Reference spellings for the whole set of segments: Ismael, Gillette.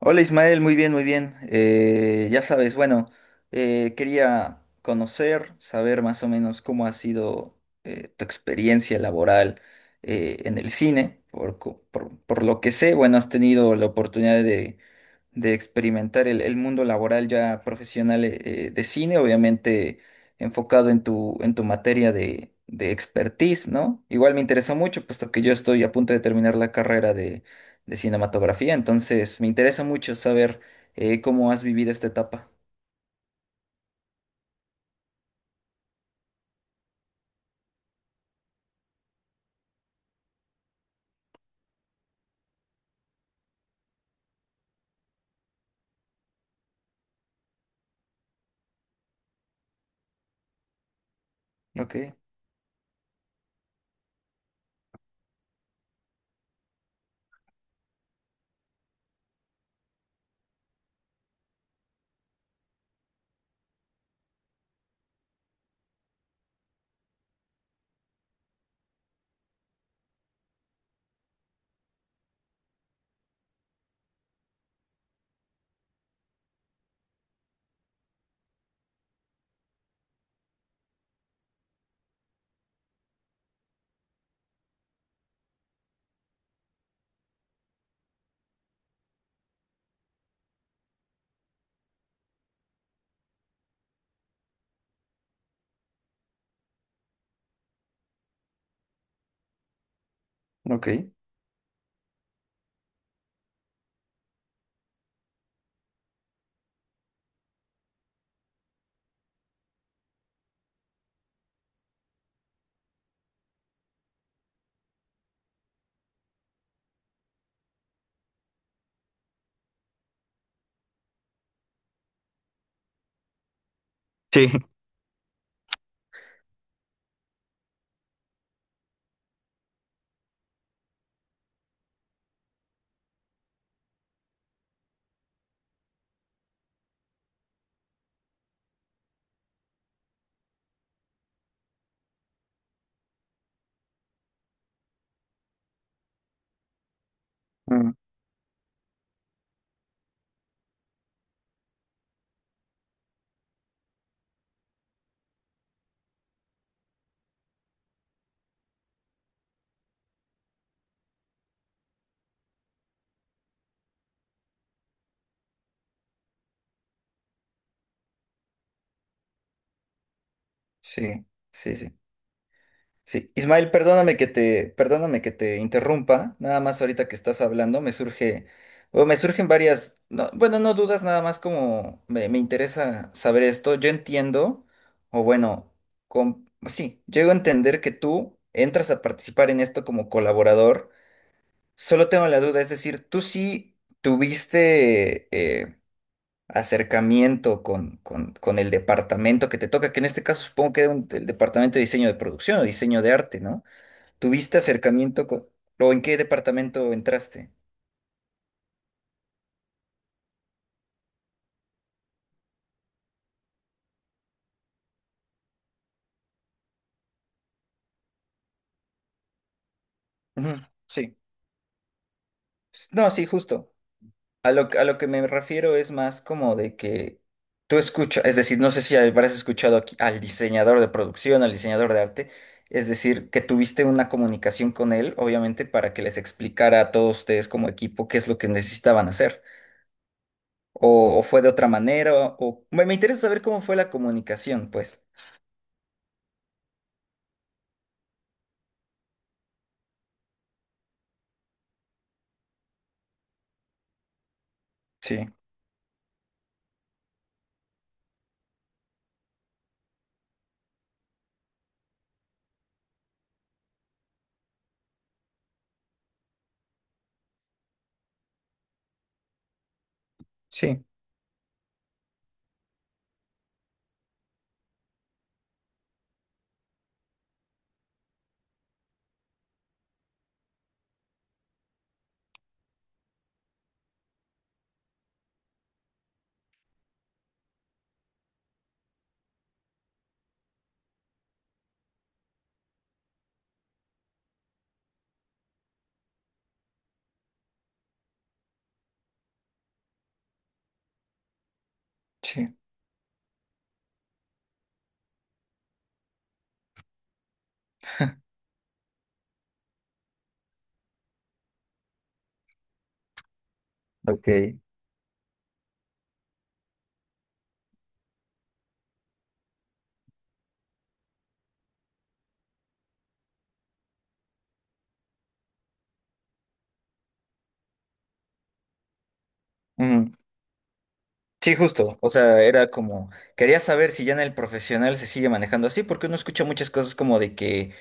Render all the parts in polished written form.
Hola Ismael, muy bien, muy bien. Ya sabes, bueno, quería conocer, saber más o menos cómo ha sido tu experiencia laboral en el cine. Por lo que sé, bueno, has tenido la oportunidad de experimentar el mundo laboral ya profesional de cine, obviamente enfocado en en tu materia de expertise, ¿no? Igual me interesa mucho, puesto que yo estoy a punto de terminar la carrera de cinematografía, entonces me interesa mucho saber cómo has vivido esta etapa. Ok, ok. Sí. Mm. Sí, sí, sí. Sí, Ismael, perdóname que te interrumpa, nada más ahorita que estás hablando, o me surgen varias, no, bueno, no dudas, nada más como me interesa saber esto, yo entiendo, o bueno, con, sí, llego a entender que tú entras a participar en esto como colaborador. Solo tengo la duda, es decir, tú sí tuviste eh, acercamiento con el departamento que te toca, que en este caso supongo que era un- el departamento de diseño de producción o diseño de arte, ¿no? ¿Tuviste acercamiento con, o en qué departamento entraste? Ujú. Sí. No, sí, justo. A lo que me refiero es más como de que tú escuchas, es decir, no sé si habrás escuchado aquí al diseñador de producción, al diseñador de arte, es decir, que tuviste una comunicación con él, obviamente, para que les explicara a todos ustedes como equipo qué es lo que necesitaban hacer. O fue de otra manera, o me interesa saber cómo fue la comunicación, pues. Sí, sí, sí. Ok. Ujú. Sí, justo. O sea, era como, quería saber si ya en el profesional se sigue manejando así, porque uno escucha muchas cosas como de que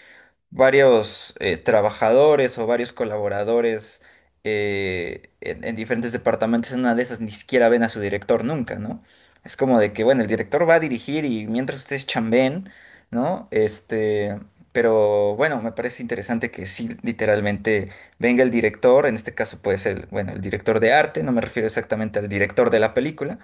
varios trabajadores o varios colaboradores en diferentes departamentos, en una de esas ni siquiera ven a su director nunca, ¿no? Es como de que, bueno, el director va a dirigir y mientras ustedes chambeen, ¿no? Este, pero bueno, me parece interesante que sí, literalmente venga el director, en este caso puede ser, bueno, el director de arte, no me refiero exactamente al director de la película.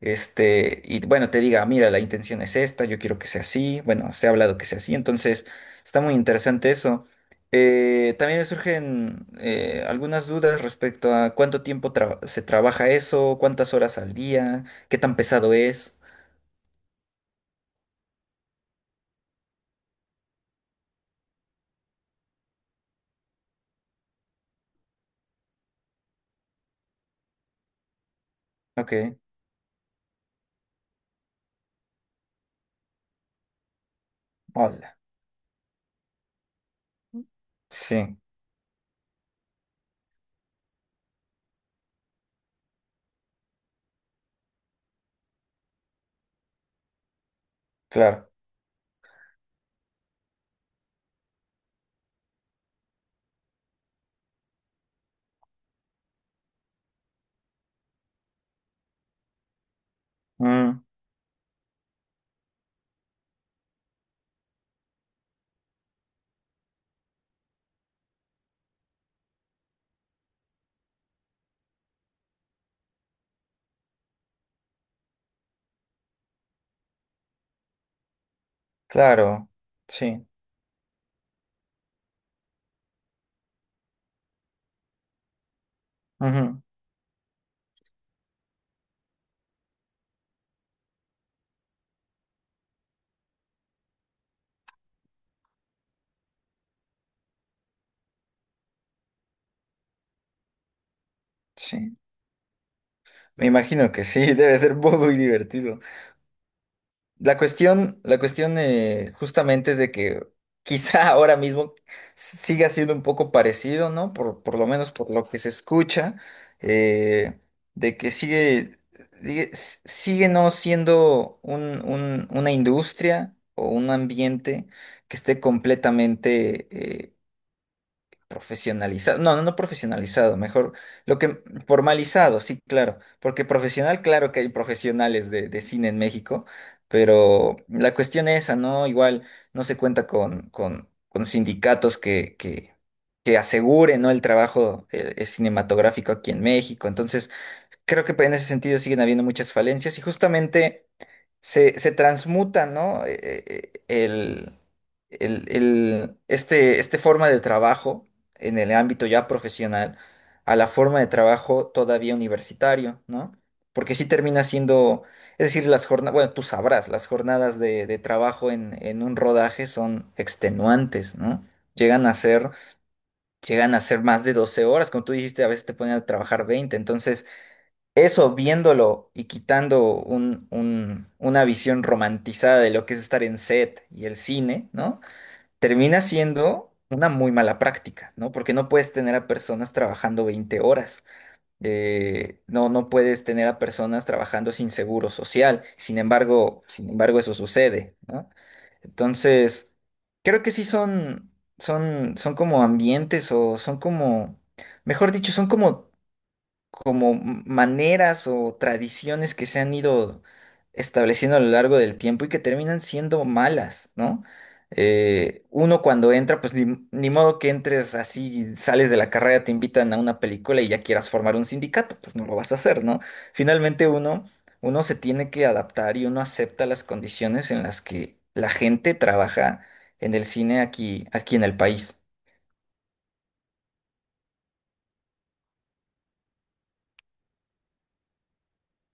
Este, y bueno, te diga, mira, la intención es esta, yo quiero que sea así, bueno, se ha hablado que sea así, entonces está muy interesante eso. También me surgen algunas dudas respecto a cuánto tiempo se trabaja eso, cuántas horas al día, qué tan pesado es. Ok, hola. Sí, claro. Mm, claro, sí. Ujú, sí. Me imagino que sí, debe ser muy divertido. La cuestión justamente es de que quizá ahora mismo siga siendo un poco parecido, ¿no? Por lo menos por lo que se escucha, eh, de que sigue, sigue no siendo un- una industria o un ambiente que esté completamente profesionalizado, no, no, no profesionalizado, mejor lo que formalizado, sí, claro, porque profesional, claro que hay profesionales de cine en México, pero la cuestión es esa, ¿no? Igual no se cuenta con sindicatos que aseguren, ¿no? El trabajo cinematográfico aquí en México, entonces creo que en ese sentido siguen habiendo muchas falencias y justamente se transmuta, ¿no? Eh, el, el- este, este forma de trabajo en el ámbito ya profesional a la forma de trabajo todavía universitario, ¿no? Porque sí termina siendo, es decir, las jornadas, bueno, tú sabrás, las jornadas de trabajo en un rodaje son extenuantes, ¿no? Llegan a ser, Llegan a ser más de 12 horas, como tú dijiste, a veces te ponen a trabajar 20, entonces... Eso, viéndolo y quitando un- una visión romantizada de lo que es estar en set y el cine, ¿no? Termina siendo una muy mala práctica, ¿no? Porque no puedes tener a personas trabajando 20 horas. No, no puedes tener a personas trabajando sin seguro social. Sin embargo, eso sucede, ¿no? Entonces, creo que sí son, son como ambientes o son como, mejor dicho, son como como maneras o tradiciones que se han ido estableciendo a lo largo del tiempo y que terminan siendo malas, ¿no? Uno cuando entra, pues ni, ni modo que entres así, sales de la carrera, te invitan a una película y ya quieras formar un sindicato, pues no lo vas a hacer, ¿no? Finalmente uno, uno se tiene que adaptar y uno acepta las condiciones en las que la gente trabaja en el cine aquí, aquí en el país.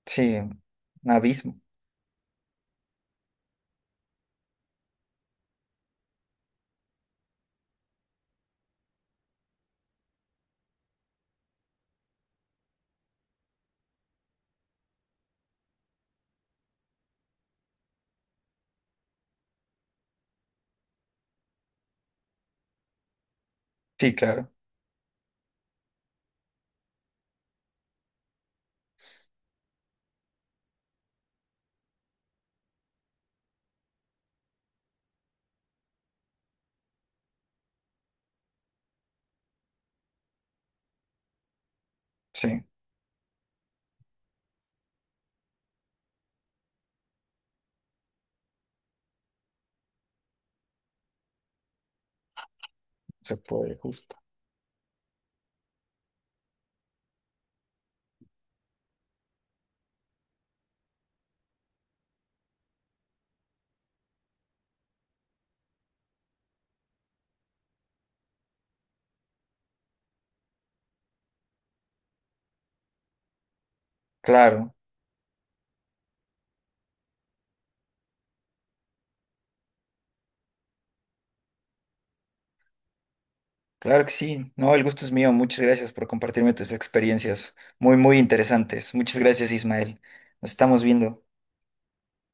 Sí, un abismo. Sí, claro. Sí, se puede, justo. Claro, claro que sí. No, el gusto es mío. Muchas gracias por compartirme tus experiencias muy, muy interesantes. Muchas gracias, Ismael. Nos estamos viendo.